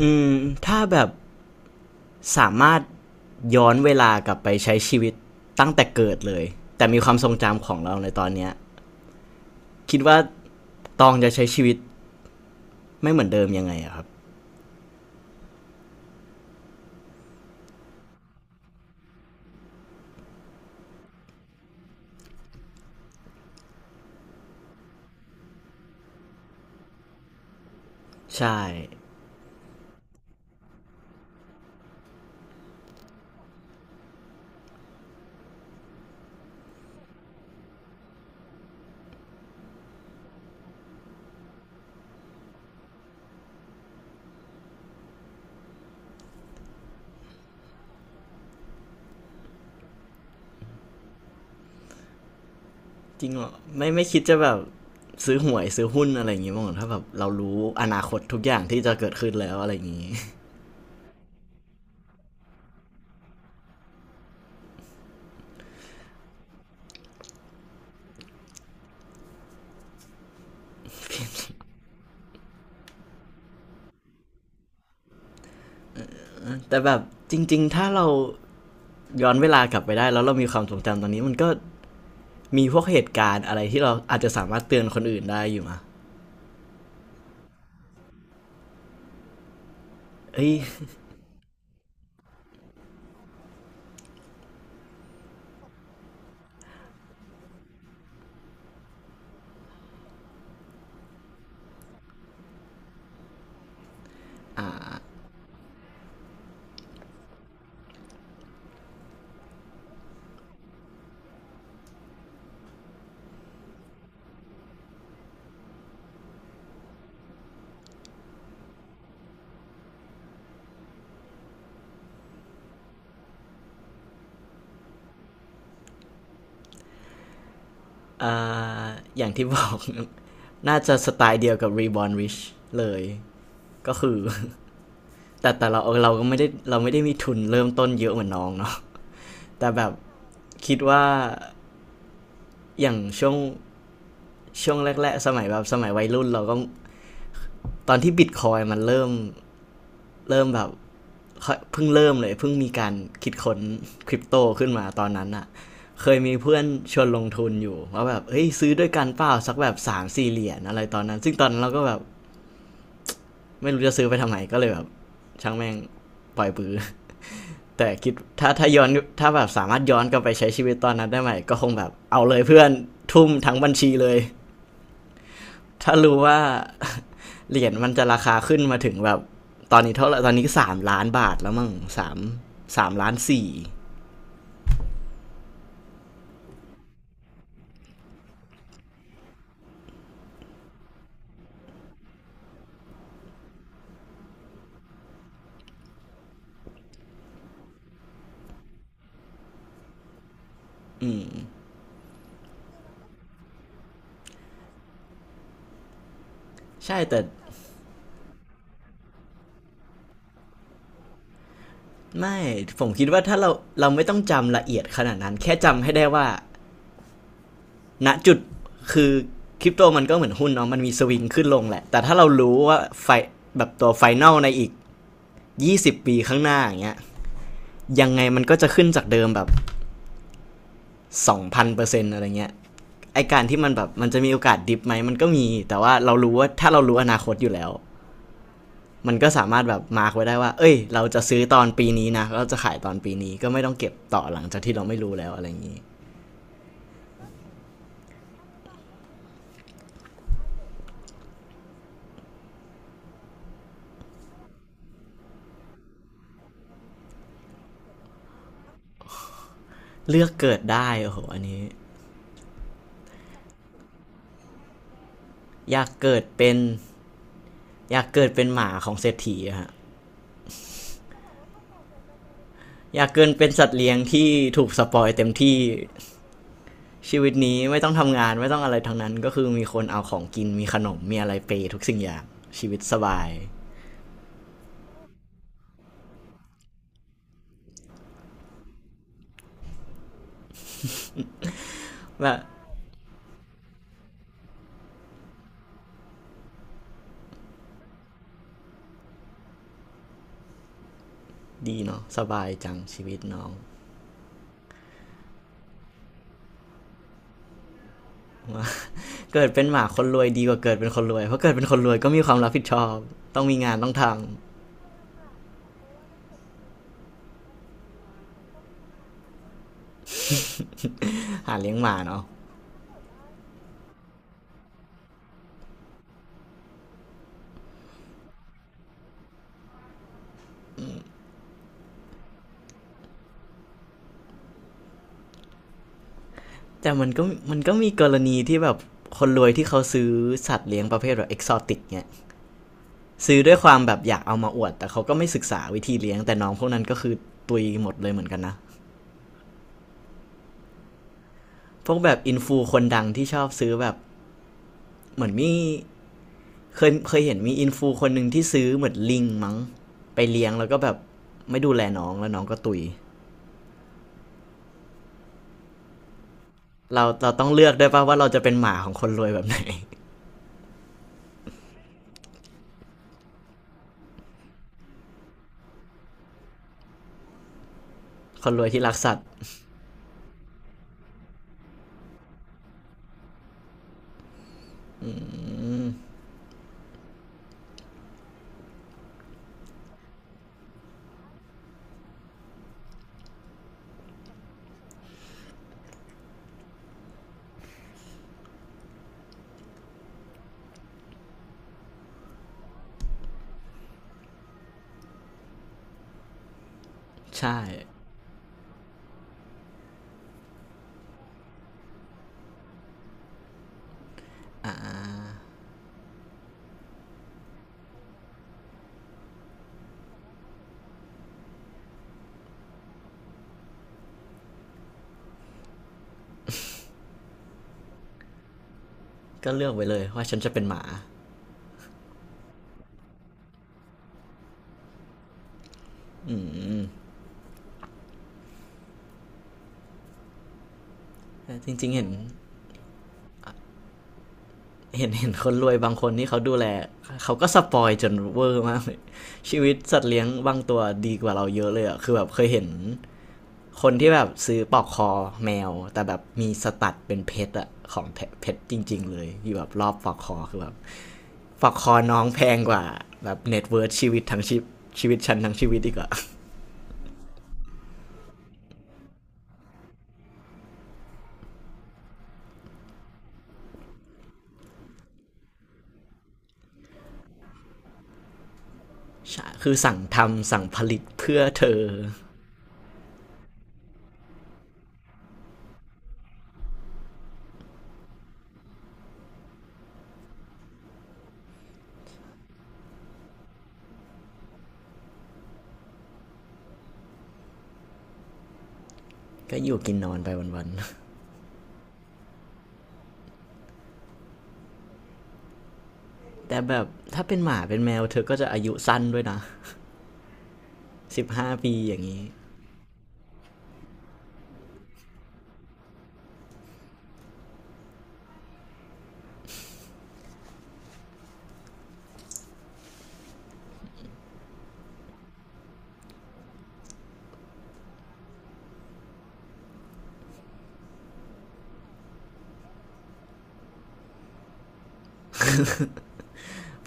อืมถ้าแบบสามารถย้อนเวลากลับไปใช้ชีวิตตั้งแต่เกิดเลยแต่มีความทรงจำของเราในตอนเนี้ยคิดว่าตองจะใช้ชีวิตไม่เหมือนเดิมยังไงอะครับใช่จริงเหรอไม่คิดจะแบบซื้อหวยซื้อหุ้นอะไรอย่างงี้บ้างเหรอถ้าแบบเรารู้อนาคตทุกอย่างที่จะเกิดขึ้นแล้วอะไรอย่างงี้ แต่แบบจริงๆถ้าเราย้อนเวลากลับไปได้แล้วเรามีความทรงจำตอนนี้มันก็มีพวกเหตุการณ์อะไรที่เราอาจจะสามารถเตือนคนอื่นได้อยู่มะเอ้ย อ่าอย่างที่บอก น่าจะสไตล์เดียวกับ Reborn Rich เลยก็คือ แต่เราก็ไม่ได้เราไม่ได้มีทุนเริ่มต้นเยอะเหมือนน้องเนาะ แต่แบบคิดว่าอย่างช่วงแรกๆสมัยแบบสมัยวัยรุ่นเราก็ตอนที่บิ c คอยมันเริ่มแบบเพิ่งเริ่มเลยเพิ่งมีการคิดค้นคริปโตขึ้นมาตอนนั้นอะเคยมีเพื่อนชวนลงทุนอยู่ว่าแบบเฮ้ยซื้อด้วยกันเปล่าสักแบบสามสี่เหรียญอะไรตอนนั้นซึ่งตอนนั้นเราก็แบบ ไม่รู้จะซื้อไปทำไมก็เลยแบบช่างแม่งปล่อยปือ แต่คิดถ้าถ้าย้อนถ้าแบบสามารถย้อนกลับไปใช้ชีวิตตอนนั้นได้ไหมก็คงแบบเอาเลยเพื่อนทุ่มทั้งบัญชีเลย ถ้ารู้ว่าเหรียญมันจะราคาขึ้นมาถึงแบบตอนนี้เท่าไหร่ตอนนี้สามล้านบาทแล้วมั้งสามสามล้านสี่ใช่แต่ไม่ผมคิดว่าถ้าเราไม่ต้องจำละเอียดขนาดนั้นแค่จำให้ได้ว่า ณจุดคือคริปโตมันก็เหมือนหุ้นเนาะมันมีสวิงขึ้นลงแหละแต่ถ้าเรารู้ว่าไฟแบบตัวไฟนอลในอีก20ปีข้างหน้าอย่างเงี้ยยังไงมันก็จะขึ้นจากเดิมแบบ2,000%องพันเปอร์เซ็นต์อะไรเงี้ยไอการที่มันแบบมันจะมีโอกาสดิฟไหมมันก็มีแต่ว่าเรารู้ว่าถ้าเรารู้อนาคตอยู่แล้วมันก็สามารถแบบมาร์กไว้ได้ว่าเอ้ยเราจะซื้อตอนปีนี้นะเราจะขายตอนปีนี้ก็ไม่ต้องเก็บต่อหลังจากที่เราไม่รู้แล้วอะไรอย่างนี้เลือกเกิดได้โอ้โหอันนี้อยากเกิดเป็นอยากเกิดเป็นหมาของเศรษฐีอฮะ อยากเกินเป็นสัตว์เลี้ยงที่ถูกสปอยเต็มที่ชีวิตนี้ไม่ต้องทำงานไม่ต้องอะไรทั้งนั้นก็คือมีคนเอาของกินมีขนมมีอะไรเปยทุกสิ่งอย่างชีวิตสบายแบบดีเนาะสบายจังชีวิตน้องเกิดเป็นหมาคนรวยดีกว่าเกิดเป็นคนรวยเพราะเกิดเป็นคนรวยก็มีความรับผิดชอบต้องมีงานต้องทำ หาเลี้ยงหมาเนาะแต่มันก็มีกรณีที่แบบคนรวยที่เขาซื้อสัตว์เลี้ยงประเภทแบบเอกซอติกเนี่ย ซื้อด้วยความแบบอยากเอามาอวดแต่เขาก็ไม่ศึกษาวิธีเลี้ยงแต่น้องพวกนั้นก็คือตุยหมดเลยเหมือนกันนะพวกแบบอินฟูคนดังที่ชอบซื้อแบบเหมือนมีเคยเห็นมีอินฟูคนหนึ่งที่ซื้อเหมือนลิงมั้งไปเลี้ยงแล้วก็แบบไม่ดูแลน้องแล้วน้องก็ตุยเราต้องเลือกได้วยป่ะว่าเราจะเป็นหมาของคนรวยแบบไหน คนรวยที่รักสัตว์ใช่ก็เลือกไว้เลยว่าฉันจะเป็นหมาอืมจริงๆเห็น เห็นคนรวยบางคนที่เขาดูแลเขาก็สปอยจนเวอร์มากเลยชีวิตสัตว์เลี้ยงบางตัวดีกว่าเราเยอะเลยอ่ะคือแบบเคยเห็นคนที่แบบซื้อปลอกคอแมวแต่แบบมีสตัดเป็นเพชรอะของ้เพชรจริงๆเลยที่แบบรอบปลอกคอคือแบบปลอกคอน้องแพงกว่าแบบเน็ตเวิร์ธชีวิตทั้งชีพชีวิตฉันทั้งชีวิตอีกอะ ใคือสั่งทำสั่งผลิตเพื่อเธอก็อยู่กินนอนไปวันๆแต่แบบถ้าเป็นหมาเป็นแมวเธอก็จะอายุสั้นด้วยนะ 15 ปีอย่างนี้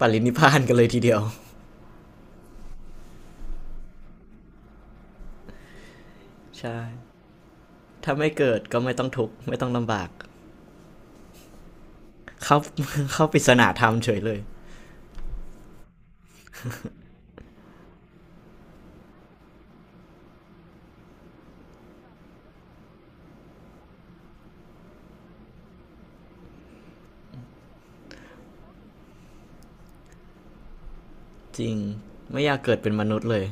ปรินิพพานกันเลยทีเดียวใช่ถ้าไม่เกิดก็ไม่ต้องทุกข์ไม่ต้องลำบากเข้า เข้าปริศนาธรรมเฉยเลยจริงไม่อยากเกิดเป็นมนุษย์เลย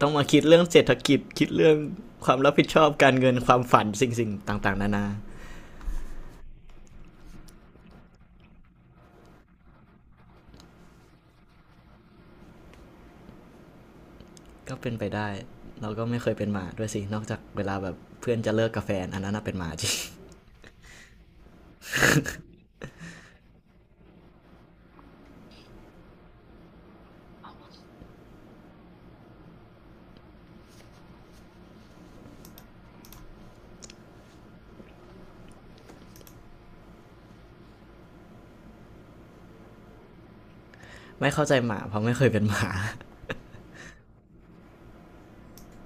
ต้องมาคิดเรื่องเศรษฐกิจคิดเรื่องความรับผิดชอบการเงินความฝันสิ่งๆต่างๆนานาก็เป็นไปได้เราก็ไม่เคยเป็นหมาด้วยสินอกจากเวลาแบบเพื่อนจะเลิกกาแฟอันนั้นน่ะเป็นหมาจริงไม่เข้าใจหมาเพราะไม่เคยเป็นหมา